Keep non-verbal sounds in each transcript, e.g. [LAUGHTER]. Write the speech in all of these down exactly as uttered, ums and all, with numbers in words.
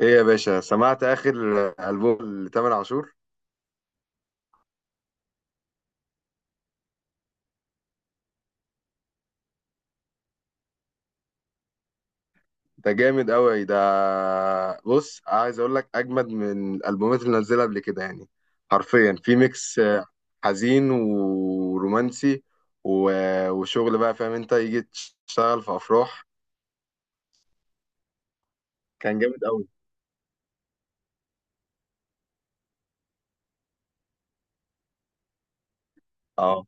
ايه يا باشا، سمعت اخر البوم لتامر عاشور؟ ده جامد قوي ده. بص، عايز اقول لك اجمد من الالبومات اللي نزلها قبل كده يعني. حرفيا في ميكس حزين ورومانسي و- وشغل بقى، فاهم؟ انت يجي تشتغل في افراح. كان جامد قوي. اه.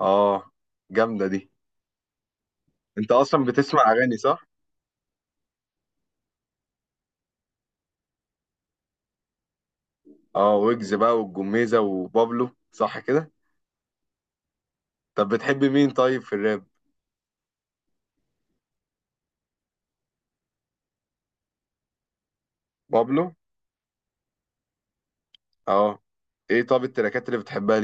اه جامده دي. انت اصلا بتسمع اغاني، صح؟ اه، ويجز بقى والجميزه وبابلو، صح كده؟ طب بتحب مين طيب في الراب؟ بابلو. اه. ايه، طب التراكات اللي بتحبها؟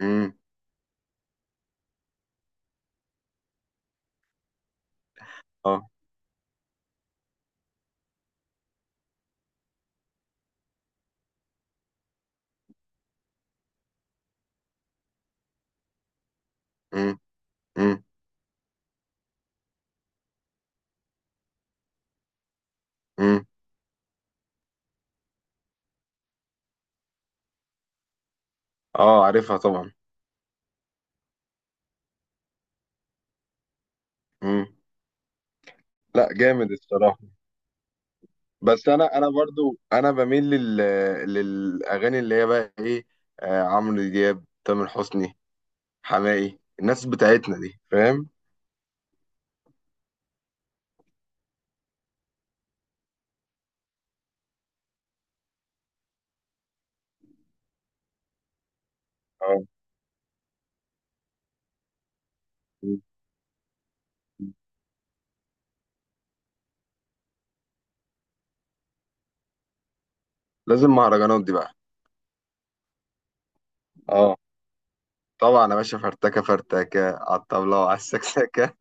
ليه؟ اه. امم امم امم اه، عارفها طبعا. امم لا جامد الصراحه. بس انا انا برضو انا بميل لل، للاغاني اللي هي بقى ايه، آه عمرو دياب، تامر حسني، حماقي، الناس بتاعتنا دي، فاهم؟ اه. مم. لازم مهرجانات دي بقى. اه طبعا يا باشا، فرتكه فرتكه على الطبله وعلى السكسكه.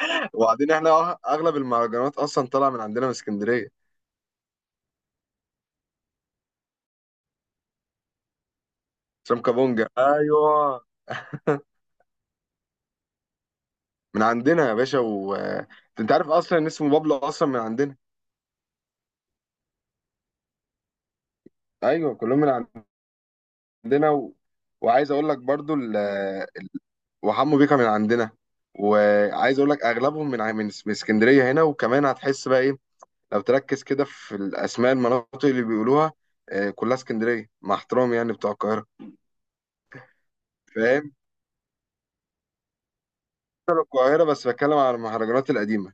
[LAUGHS] وبعدين احنا اغلب المهرجانات اصلا طالعه من عندنا من اسكندريه. سمكه بونجا، ايوه. من عندنا يا باشا، و آه، انت عارف اصلا ان اسمه بابلو اصلا من عندنا. ايوه كلهم من عندنا و... وعايز اقول لك برضو ال... آه، وحمو بيكا من عندنا. وعايز اقول لك اغلبهم من ع- من اس- من اسكندريه هنا، وكمان هتحس بقى ايه، لو تركز كده في الاسماء، المناطق اللي بيقولوها، آه، كلها اسكندريه، مع احترامي يعني بتوع القاهره. فاهم؟ بتوع القاهره بس بتكلم على المهرجانات القديمه.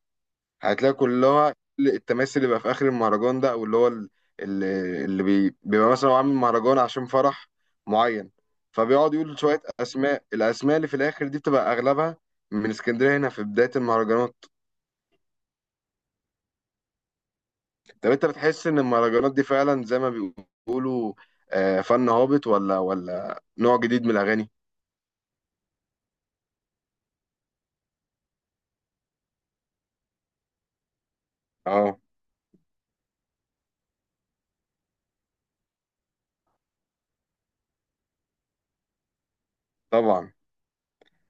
هتلاقي كلها التماثيل اللي بقى في اخر المهرجان ده، او اللي هو ال- ال- اللي بي- بيبقى مثلا هو عامل مهرجان عشان فرح معين، فبيقعد يقول شويه اسماء. الاسماء اللي في الاخر دي بتبقى اغلبها من اسكندريه هنا في بدايه المهرجانات. طب انت بتحس ان المهرجانات دي فعلا زي ما بيقولوا، آه، فن هابط، ولا ولا نوع جديد من الاغاني؟ اه طبعا.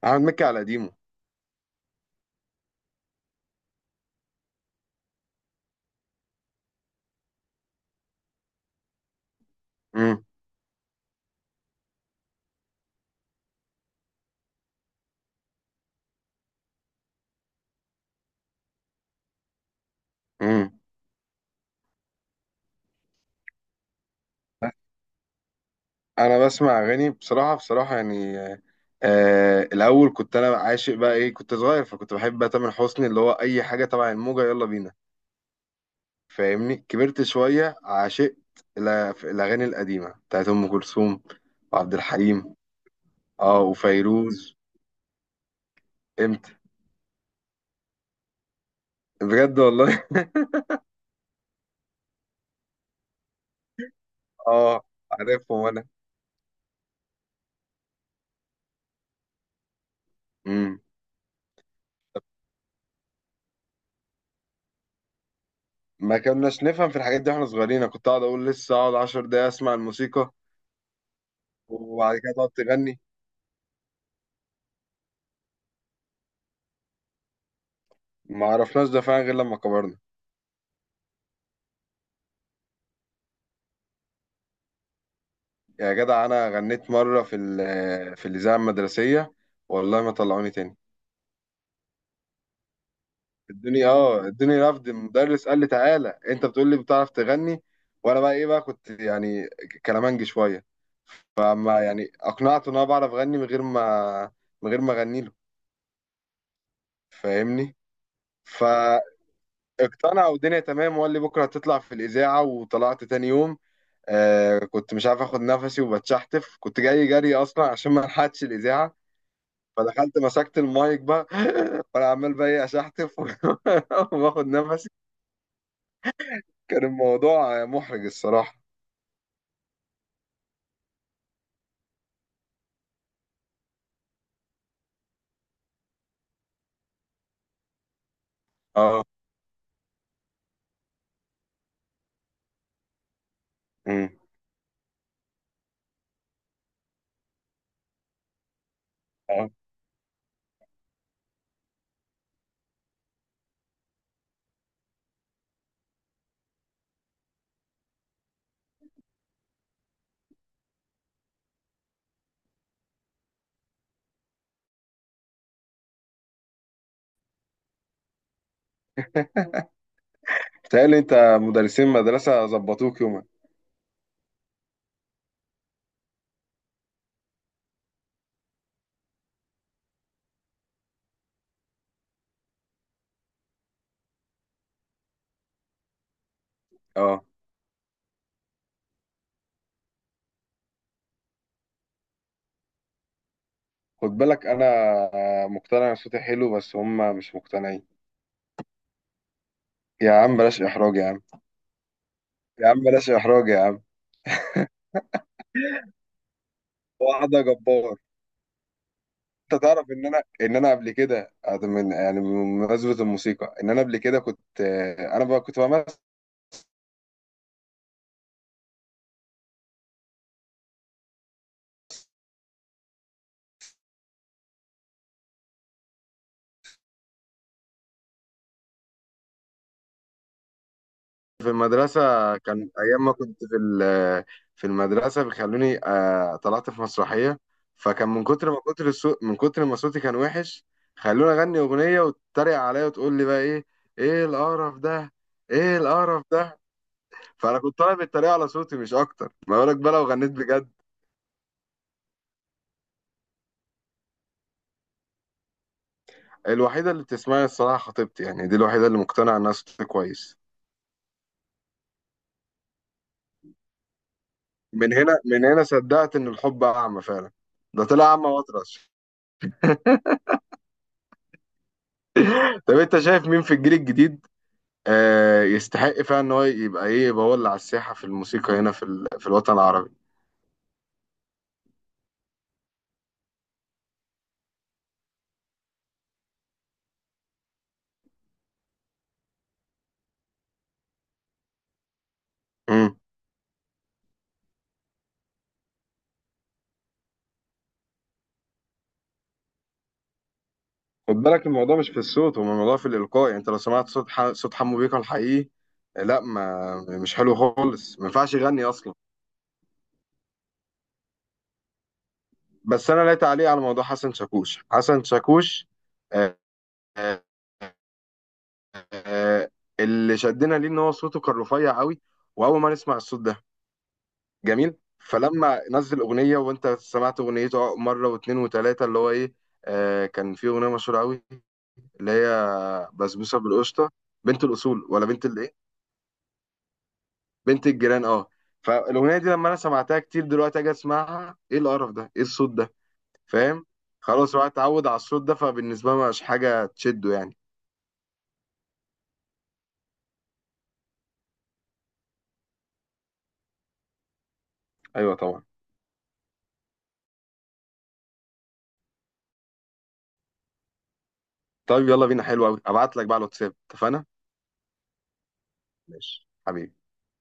احمد مكي على قديمه. امم امم انا بسمع اغاني بصراحه بصراحه يعني، آه الاول كنت انا عاشق بقى ايه، كنت صغير فكنت بحب بقى تامر حسني، اللي هو اي حاجه تبع الموجه، يلا بينا. فاهمني؟ كبرت شويه، عاشقت الأ- الاغاني القديمه بتاعت ام كلثوم وعبد الحليم. اه وفيروز. امتى؟ بجد والله. [LAUGHS] اه عارفهم وانا. امم. ما كناش نفهم في الحاجات دي واحنا صغيرين. أنا كنت اقعد اقول لسه اقعد 10 دقايق اسمع الموسيقى، وبعد كده تقعد تغني. ما عرفناش ده فعلا غير لما كبرنا. يا جدع انا غنيت مره في ال- في الاذاعه المدرسيه. والله ما طلعوني تاني. الدنيا اه الدنيا رفض. المدرس قال لي تعالى انت بتقول لي بتعرف تغني، وانا بقى ايه بقى، كنت يعني كلامنج شويه، فما يعني اقنعته ان انا بعرف اغني من غير ما من غير ما اغني له. فاهمني؟ فاقتنع والدنيا تمام، وقال لي بكره هتطلع في الاذاعه، وطلعت تاني يوم. آه كنت مش عارف اخد نفسي وبتشحتف، كنت جاي جري اصلا عشان ما الحقتش الاذاعه، فدخلت مسكت المايك بقى [LAUGHS] وانا عمال بقى ايه اشحتف [LAUGHS] واخد نفسي. كان الموضوع محرج الصراحه. اه. امم. اه. بتهيألي انت مدرسين مدرسه ظبطوك يومك. اه. خد بالك انا مقتنع ان صوتي حلو، بس هم مش مقتنعين. يا عم بلاش احراج يا عم. يا عم بلاش احراج يا عم. واحده جبار. انت تعرف ان انا ان انا قبل كده، من يعني بمناسبه الموسيقى، ان انا قبل كده كنت، انا بقى كنت بعمل في المدرسة. كان أيام ما كنت في ال- في المدرسة بيخلوني، آه، طلعت في مسرحية، فكان من كتر ما كتر الصوت، من كتر ما صوتي كان وحش، خلوني أغني أغنية وتتريق عليا وتقول لي بقى إيه، إيه القرف ده، إيه القرف ده. فأنا كنت طالع بالتريقة على صوتي مش أكتر، ما بالك بقى لو غنيت بجد؟ الوحيدة اللي بتسمعني الصراحة خطيبتي، يعني دي الوحيدة اللي مقتنعة إنها صوتي كويس. من هنا، من هنا صدقت إن الحب أعمى فعلا. ده طلع أعمى وأطرش. طب أنت شايف مين في الجيل الجديد، آه يستحق فعلا ان هو يبقى ايه، يبقى هو اللي على الساحه في الموسيقى هنا في ال- في الوطن العربي؟ امم. خد بالك الموضوع مش في الصوت، هو الموضوع في الالقاء. يعني انت لو سمعت صوت ح... صوت حمو بيكا الحقيقي، آه، لا ما مش حلو خالص، ما ينفعش يغني اصلا. بس انا لا تعليق على موضوع حسن شاكوش. حسن شاكوش آه آه آه آه، اللي شدنا ليه ان هو صوته كان رفيع قوي، واول ما نسمع الصوت ده جميل، فلما نزل اغنيه وانت سمعت اغنيته مره واثنين وثلاثه، اللي هو ايه، آه كان في اغنيه مشهوره قوي، اللي هي بسبوسه بالقشطه، بنت الاصول، ولا بنت الايه، بنت الجيران، اه. فالاغنيه دي لما انا سمعتها كتير، دلوقتي اجي اسمعها ايه القرف ده، ايه الصوت ده. فاهم؟ خلاص هو اتعود على الصوت ده، فبالنسبه له مش حاجه تشده يعني. ايوه طبعا. طيب يلا بينا، حلو قوي، ابعت لك بقى على الواتساب، اتفقنا؟ ماشي حبيبي.